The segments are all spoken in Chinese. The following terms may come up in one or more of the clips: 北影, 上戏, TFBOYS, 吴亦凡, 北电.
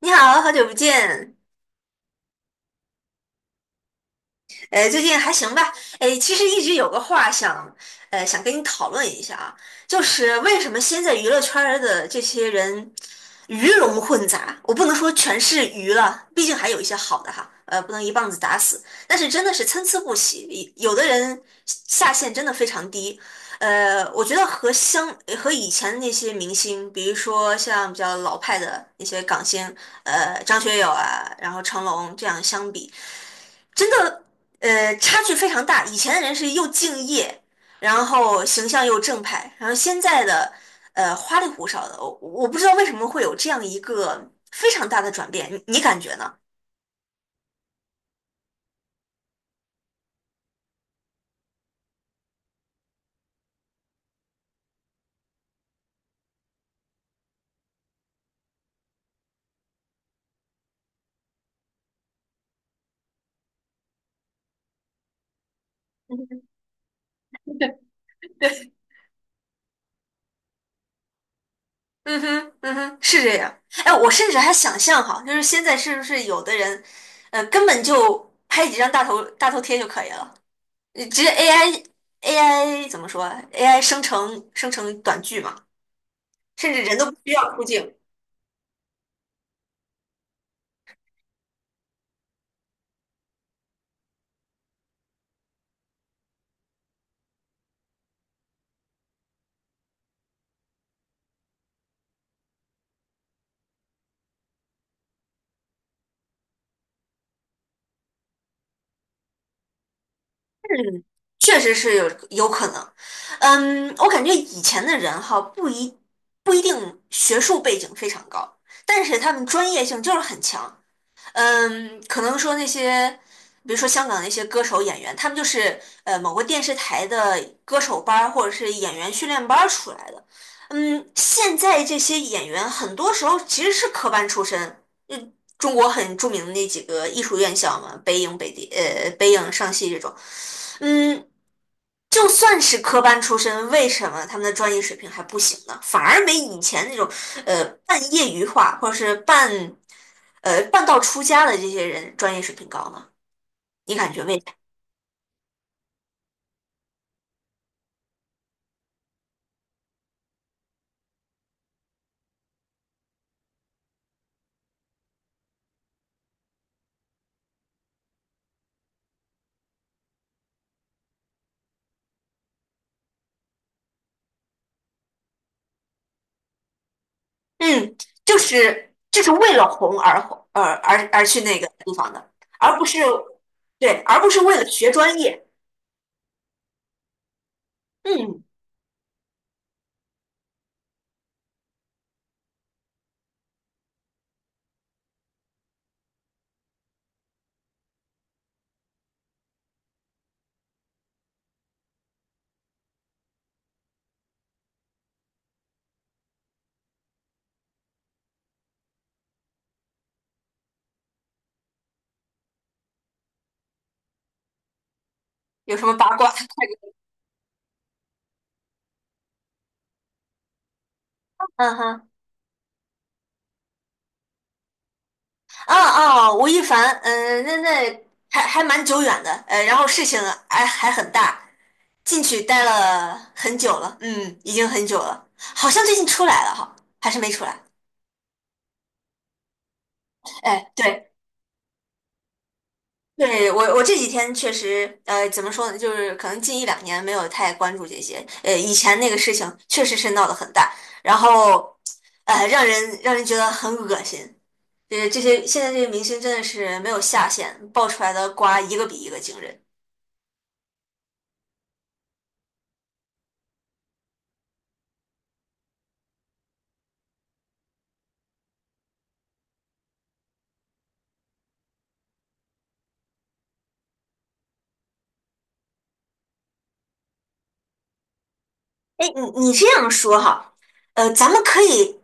你好，好久不见。最近还行吧？哎，其实一直有个话想，跟你讨论一下啊，就是为什么现在娱乐圈儿的这些人鱼龙混杂？我不能说全是鱼了，毕竟还有一些好的哈，不能一棒子打死。但是真的是参差不齐，有的人下限真的非常低。我觉得和以前那些明星，比如说像比较老派的那些港星，张学友啊，然后成龙这样相比。真的，差距非常大。以前的人是又敬业，然后形象又正派，然后现在的，花里胡哨的。我不知道为什么会有这样一个非常大的转变，你感觉呢？嗯哼，嗯哼，是这样。哎，我甚至还想象哈，就是现在是不是有的人，根本就拍几张大头贴就可以了，直接 AI AI 怎么说啊？AI 生成短剧嘛，甚至人都不需要出镜。嗯，确实是有可能。我感觉以前的人哈，不一定学术背景非常高，但是他们专业性就是很强。可能说那些，比如说香港那些歌手、演员，他们就是某个电视台的歌手班儿或者是演员训练班儿出来的。现在这些演员很多时候其实是科班出身。嗯，中国很著名的那几个艺术院校嘛，北影、北电、北影、上戏这种。嗯，就算是科班出身，为什么他们的专业水平还不行呢？反而没以前那种半业余化或者是半道出家的这些人专业水平高呢？你感觉为啥？嗯，就是为了红而红，而去那个地方的，而不是对，而不是为了学专业。嗯，有什么八卦？嗯哼。哦哦，吴亦凡，那还蛮久远的，然后事情啊还很大，进去待了很久了，已经很久了，好像最近出来了哈，还是没出来？哎，对对，我这几天确实，怎么说呢，就是可能近一两年没有太关注这些，以前那个事情确实是闹得很大，然后，让人觉得很恶心。就是这些，现在这些明星真的是没有下限，爆出来的瓜一个比一个惊人。哎，你这样说哈，咱们可以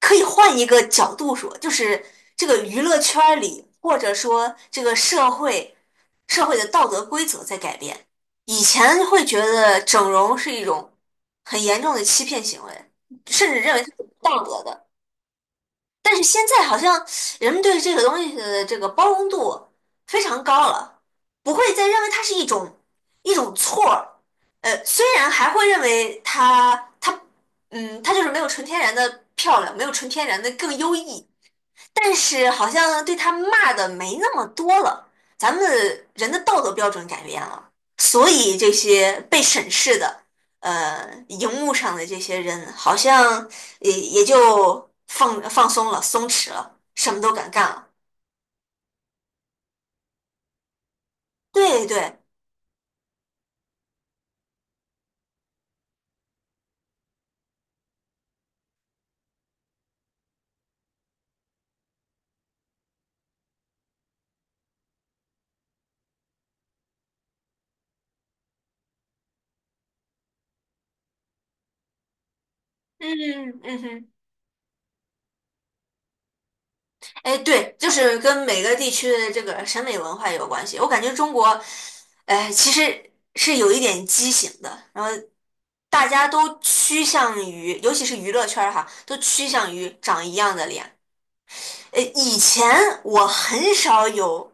可以换一个角度说，就是这个娱乐圈儿里，或者说这个社会的道德规则在改变。以前会觉得整容是一种很严重的欺骗行为，甚至认为它是不道德的。但是现在好像人们对这个东西的这个包容度非常高了，不会再认为它是一种错儿。虽然还会认为它就是没有纯天然的漂亮，没有纯天然的更优异，但是好像对他骂的没那么多了，咱们人的道德标准改变了，所以这些被审视的，荧幕上的这些人好像也就放松了，松弛了，什么都敢干了。对对，嗯嗯哼。哎，对，就是跟每个地区的这个审美文化有关系。我感觉中国，哎，其实是有一点畸形的，然后大家都趋向于，尤其是娱乐圈儿哈，都趋向于长一样的脸。以前我很少有，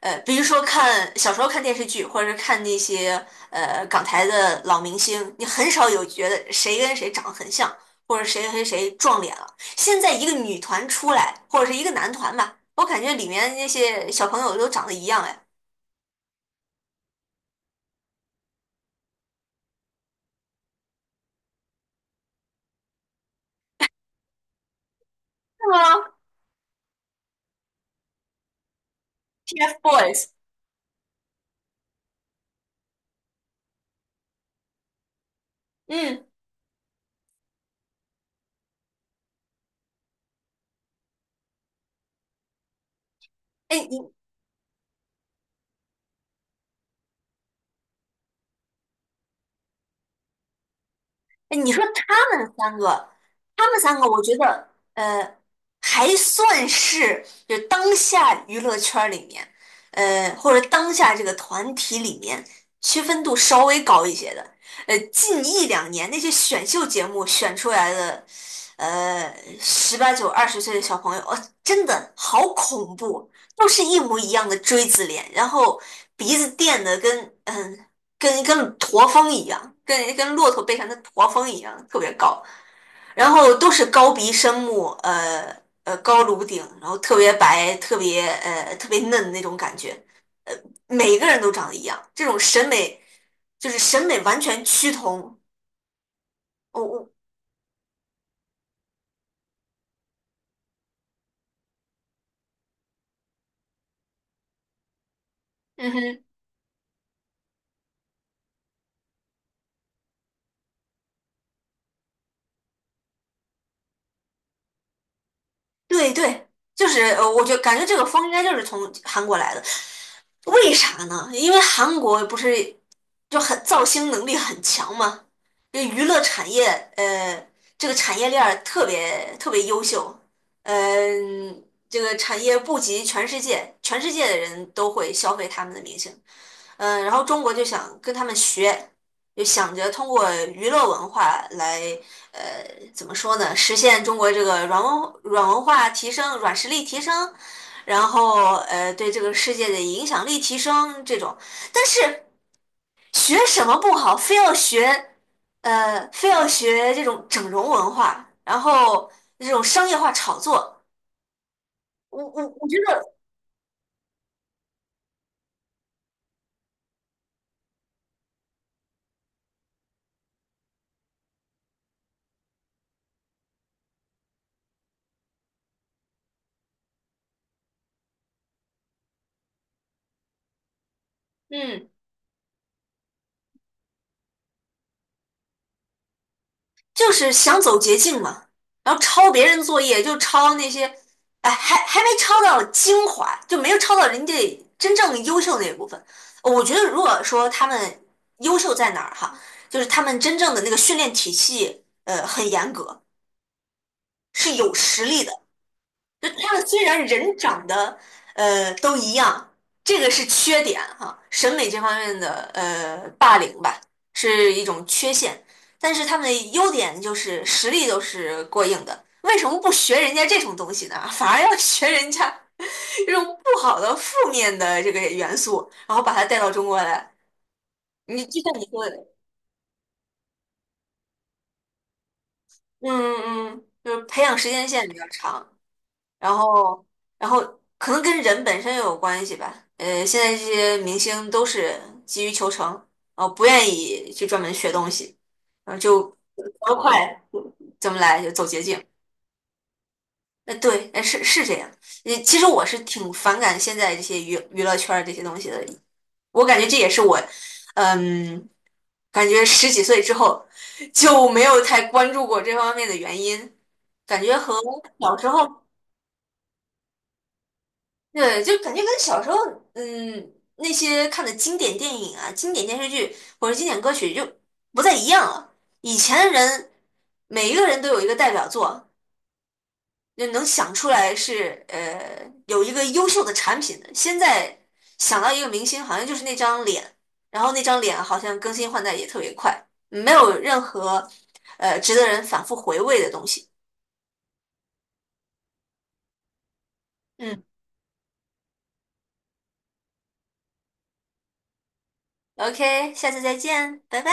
比如说看小时候看电视剧，或者是看那些港台的老明星，你很少有觉得谁跟谁长得很像，或者谁跟谁撞脸了。现在一个女团出来，或者是一个男团吧，我感觉里面那些小朋友都长得一样哎。是吗？TFBOYS，嗯，哎，你哎，你说他们三个，我觉得呃，还算是就当下娱乐圈儿里面，或者当下这个团体里面区分度稍微高一些的。近一两年那些选秀节目选出来的，呃，十八九、20岁的小朋友，哦，真的好恐怖，都是一模一样的锥子脸，然后鼻子垫的跟跟驼峰一样，跟骆驼背上的驼峰一样，特别高。然后都是高鼻深目，高颅顶，然后特别白，特别特别嫩的那种感觉。每个人都长得一样，这种审美完全趋同。我嗯哼。对对，就是我感觉这个风应该就是从韩国来的，为啥呢？因为韩国不是就很造星能力很强嘛，这娱乐产业呃，这个产业链儿特别特别优秀，这个产业布及全世界，全世界的人都会消费他们的明星。然后中国就想跟他们学，就想着通过娱乐文化来，呃，怎么说呢，实现中国这个软文化提升、软实力提升，然后对这个世界的影响力提升这种。但是学什么不好，非要学，非要学这种整容文化，然后这种商业化炒作，我觉得，嗯。就是想走捷径嘛，然后抄别人作业，就抄那些，哎，还没抄到精华，就没有抄到人家真正优秀那一部分。我觉得，如果说他们优秀在哪儿哈，就是他们真正的那个训练体系，很严格，是有实力的。他们虽然人长得都一样，这个是缺点哈，审美这方面的霸凌吧，是一种缺陷。但是他们的优点就是实力都是过硬的，为什么不学人家这种东西呢？反而要学人家这种不好的负面的这个元素，然后把它带到中国来。你就像你说的，嗯就是培养时间线比较长。然后，然后可能跟人本身也有关系吧。现在这些明星都是急于求成，不愿意去专门学东西，然后就怎么快怎么来，就走捷径。那对，哎，是是这样。其实我是挺反感现在这些娱乐圈儿这些东西的，我感觉这也是我，嗯，感觉十几岁之后就没有太关注过这方面的原因，感觉和小时候。对，就感觉跟小时候，那些看的经典电影啊、经典电视剧或者经典歌曲就不再一样了。以前的人，每一个人都有一个代表作，就能想出来是有一个优秀的产品的。现在想到一个明星，好像就是那张脸，然后那张脸好像更新换代也特别快，没有任何值得人反复回味的东西。嗯，OK，下次再见，拜拜。